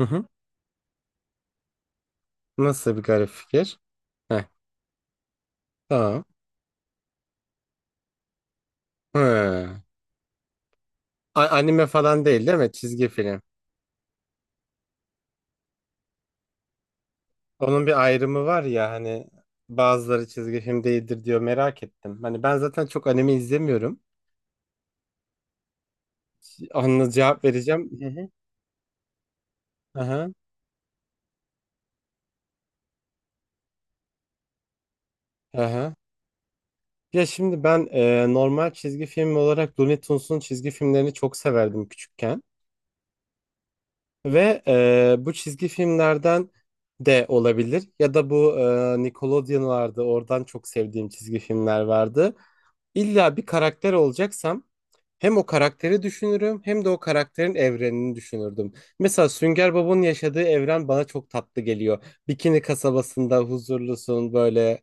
Hı hı. Nasıl bir garip fikir? Heh, tamam. Hı. Anime falan değil, değil mi? Çizgi film. Onun bir ayrımı var ya hani bazıları çizgi film değildir diyor merak ettim. Hani ben zaten çok anime izlemiyorum. Anla cevap vereceğim. Hı hı. Aha, aha. Ya şimdi ben normal çizgi film olarak Looney Tunes'un çizgi filmlerini çok severdim küçükken. Ve bu çizgi filmlerden de olabilir ya da bu Nickelodeon vardı, oradan çok sevdiğim çizgi filmler vardı. İlla bir karakter olacaksam hem o karakteri düşünürüm hem de o karakterin evrenini düşünürdüm. Mesela Sünger Bob'un yaşadığı evren bana çok tatlı geliyor. Bikini kasabasında huzurlusun, böyle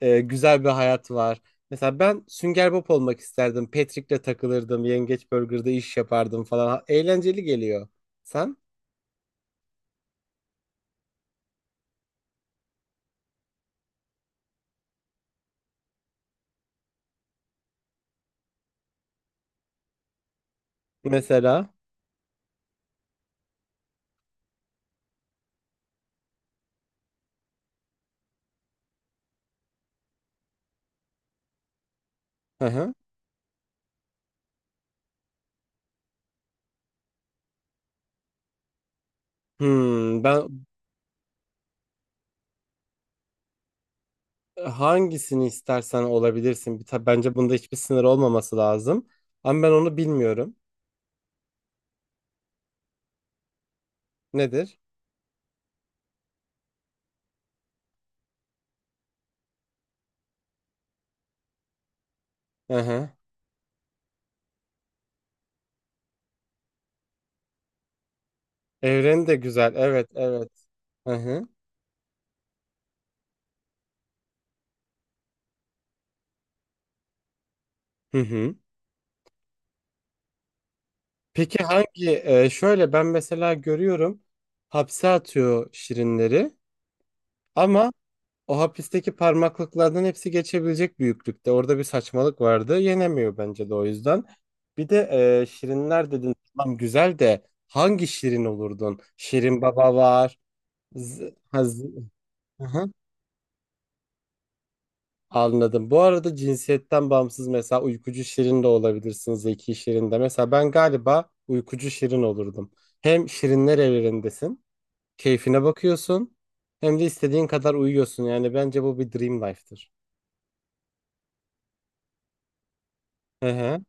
güzel bir hayat var. Mesela ben Sünger Bob olmak isterdim. Patrick'le takılırdım. Yengeç Burger'da iş yapardım falan. Eğlenceli geliyor. Sen? Mesela. Hı hı. Hmm, ben hangisini istersen olabilirsin. Bence bunda hiçbir sınır olmaması lazım. Ama ben onu bilmiyorum. Nedir? Hı hı. Evreni de güzel. Evet, evet. Hı hı. Hı hı. Peki hangi şöyle ben mesela görüyorum, hapse atıyor şirinleri ama o hapisteki parmaklıklardan hepsi geçebilecek büyüklükte. Orada bir saçmalık vardı. Yenemiyor bence de o yüzden. Bir de şirinler dedin. Tamam, güzel, de hangi şirin olurdun? Şirin Baba var. Ha, hı. Anladım. Bu arada cinsiyetten bağımsız, mesela uykucu şirin de olabilirsin. Zeki şirin de. Mesela ben galiba uykucu şirin olurdum. Hem şirinler evrendesin. Keyfine bakıyorsun. Hem de istediğin kadar uyuyorsun. Yani bence bu bir dream life'tır. Hı hı.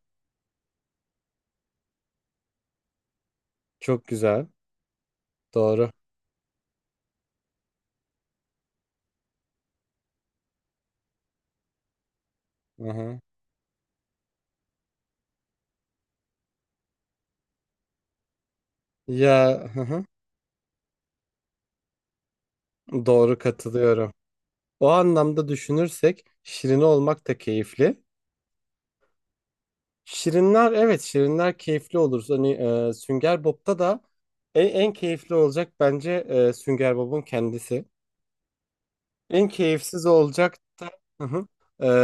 Çok güzel. Doğru. Hı hı. Ya hı hı. Doğru, katılıyorum. O anlamda düşünürsek şirin olmak da keyifli. Şirinler, evet, şirinler keyifli olur. Hani Sünger Bob'ta da en keyifli olacak bence Sünger Bob'un kendisi. En keyifsiz olacak da hı hı.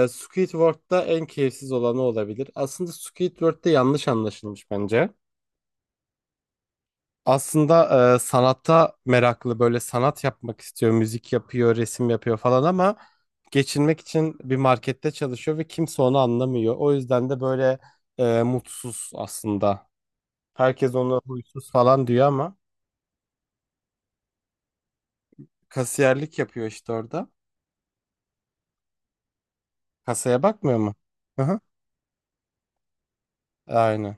Squidward'da en keyifsiz olanı olabilir. Aslında Squidward'da yanlış anlaşılmış bence. Aslında, sanatta meraklı, böyle sanat yapmak istiyor, müzik yapıyor, resim yapıyor falan ama geçinmek için bir markette çalışıyor ve kimse onu anlamıyor. O yüzden de böyle mutsuz aslında. Herkes onu huysuz falan diyor ama kasiyerlik yapıyor işte orada. Kasaya bakmıyor mu? Hı hı. Aynen.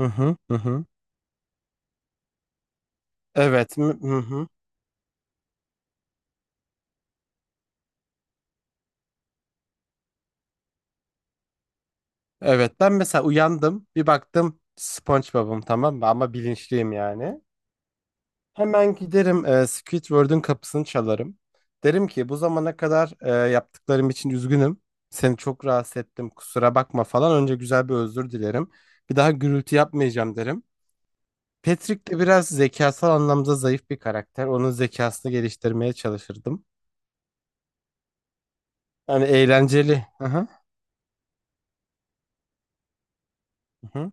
Hı hı, hı hı. Evet. Hı hı. Hı. Evet, ben mesela uyandım, bir baktım SpongeBob'um, tamam mı, ama bilinçliyim yani. Hemen giderim, Squidward'ın kapısını çalarım. Derim ki bu zamana kadar yaptıklarım için üzgünüm. Seni çok rahatsız ettim, kusura bakma falan. Önce güzel bir özür dilerim. Bir daha gürültü yapmayacağım derim. Patrick de biraz zekasal anlamda zayıf bir karakter. Onun zekasını geliştirmeye çalışırdım. Yani eğlenceli. Hı hı. Hı hı.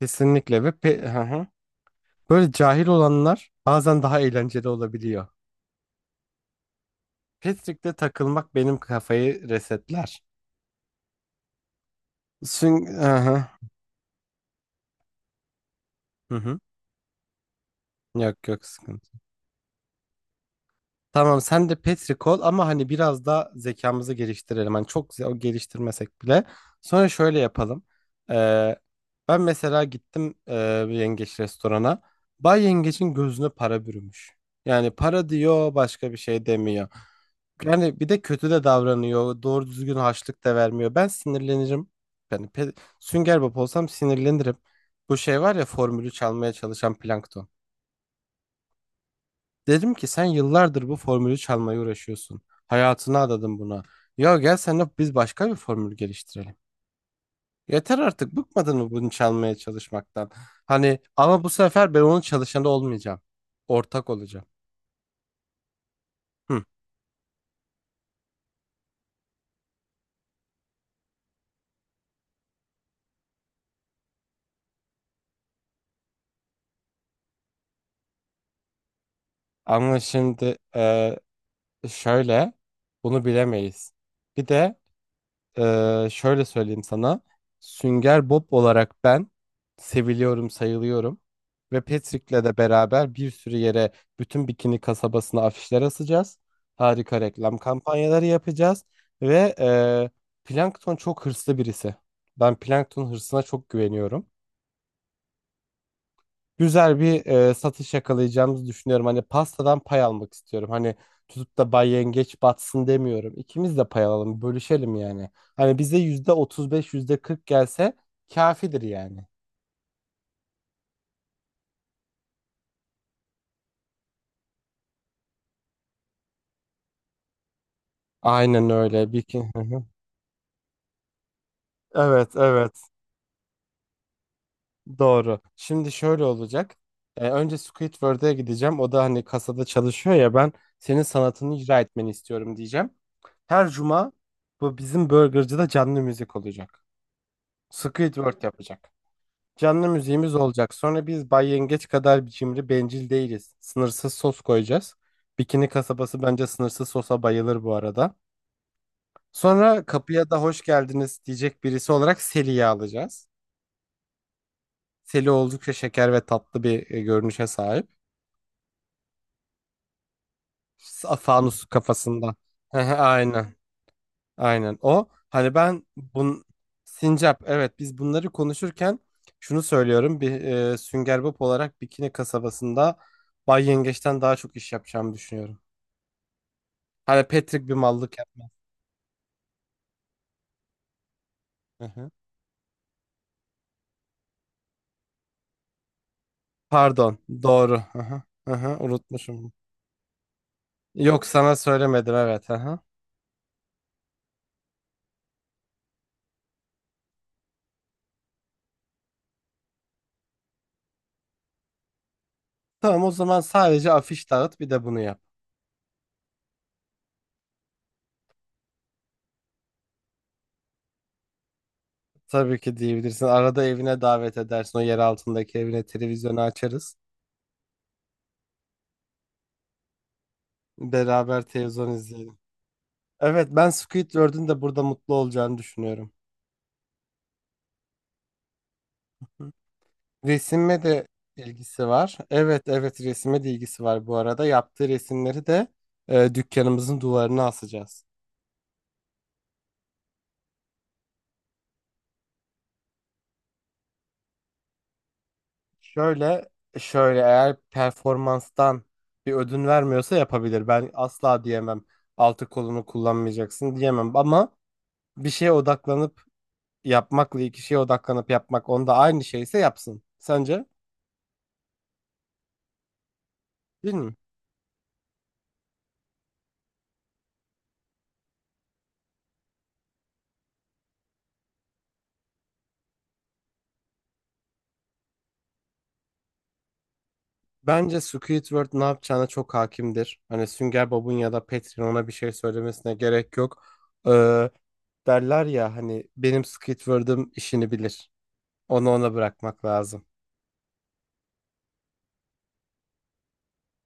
Kesinlikle ve hı hı. Böyle cahil olanlar bazen daha eğlenceli olabiliyor. Patrick'te takılmak benim kafayı resetler. Hı hı. Hı hı. Yok, yok, sıkıntı. Tamam, sen de Petri ol ama hani biraz da zekamızı geliştirelim. Hani çok geliştirmesek bile. Sonra şöyle yapalım. Ee, ben mesela gittim bir yengeç restorana. Bay yengeçin gözüne para bürümüş. Yani para diyor, başka bir şey demiyor. Yani bir de kötü de davranıyor. Doğru düzgün harçlık da vermiyor. Ben sinirlenirim. Yani Sünger Bob olsam sinirlenirim. Bu şey var ya, formülü çalmaya çalışan Plankton. Dedim ki sen yıllardır bu formülü çalmaya uğraşıyorsun. Hayatını adadın buna. Ya gel, seninle biz başka bir formül geliştirelim. Yeter artık, bıkmadın mı bunu çalmaya çalışmaktan? Hani ama bu sefer ben onun çalışanı olmayacağım. Ortak olacağım. Hı. Ama şimdi şöyle, bunu bilemeyiz. Bir de, şöyle söyleyeyim sana. Sünger Bob olarak ben seviliyorum, sayılıyorum. Ve Patrick'le de beraber bir sürü yere, bütün Bikini kasabasına afişler asacağız. Harika reklam kampanyaları yapacağız. Ve Plankton çok hırslı birisi. Ben Plankton hırsına çok güveniyorum, güzel bir satış yakalayacağımızı düşünüyorum. Hani pastadan pay almak istiyorum. Hani tutup da Bay Yengeç batsın demiyorum. İkimiz de pay alalım, bölüşelim yani. Hani bize %35, %40 gelse kafidir yani. Aynen öyle. Hı hı. Evet, evet. Doğru. Şimdi şöyle olacak. Önce Squidward'a gideceğim. O da hani kasada çalışıyor ya, ben senin sanatını icra etmeni istiyorum diyeceğim. Her cuma bu bizim burgercıda canlı müzik olacak. Squidward yapacak. Canlı müziğimiz olacak. Sonra, biz Bay Yengeç kadar biçimli bencil değiliz. Sınırsız sos koyacağız. Bikini kasabası bence sınırsız sosa bayılır bu arada. Sonra kapıya da hoş geldiniz diyecek birisi olarak Seli'yi alacağız. Seli oldukça şeker ve tatlı bir görünüşe sahip. Fanus kafasında. Aynen. Aynen o. Hani ben Sincap, evet, biz bunları konuşurken şunu söylüyorum: bir Sünger Bob olarak Bikini kasabasında Bay Yengeç'ten daha çok iş yapacağımı düşünüyorum. Hani Patrick bir mallık yapmam. Hı hı. Pardon, doğru. Hı hı. Hı hı, unutmuşum. Yok, sana söylemedim, evet. Hı hı. Tamam, o zaman sadece afiş dağıt, bir de bunu yap. Tabii ki diyebilirsin. Arada evine davet edersin. O yer altındaki evine televizyonu açarız. Beraber televizyon izleriz. Evet, ben Squidward'ın da burada mutlu olacağını düşünüyorum. Hı. Resime de ilgisi var. Evet, evet, resime de ilgisi var bu arada. Yaptığı resimleri de dükkanımızın duvarına asacağız. Şöyle şöyle, eğer performanstan bir ödün vermiyorsa yapabilir. Ben asla diyemem, altı kolunu kullanmayacaksın diyemem ama bir şeye odaklanıp yapmakla iki şeye odaklanıp yapmak onda aynı şeyse yapsın. Sence? Değil mi? Bence Squidward ne yapacağına çok hakimdir. Hani Sünger Bob'un ya da Patrick'in ona bir şey söylemesine gerek yok. Ee, derler ya hani benim Squidward'ım işini bilir. Onu ona bırakmak lazım.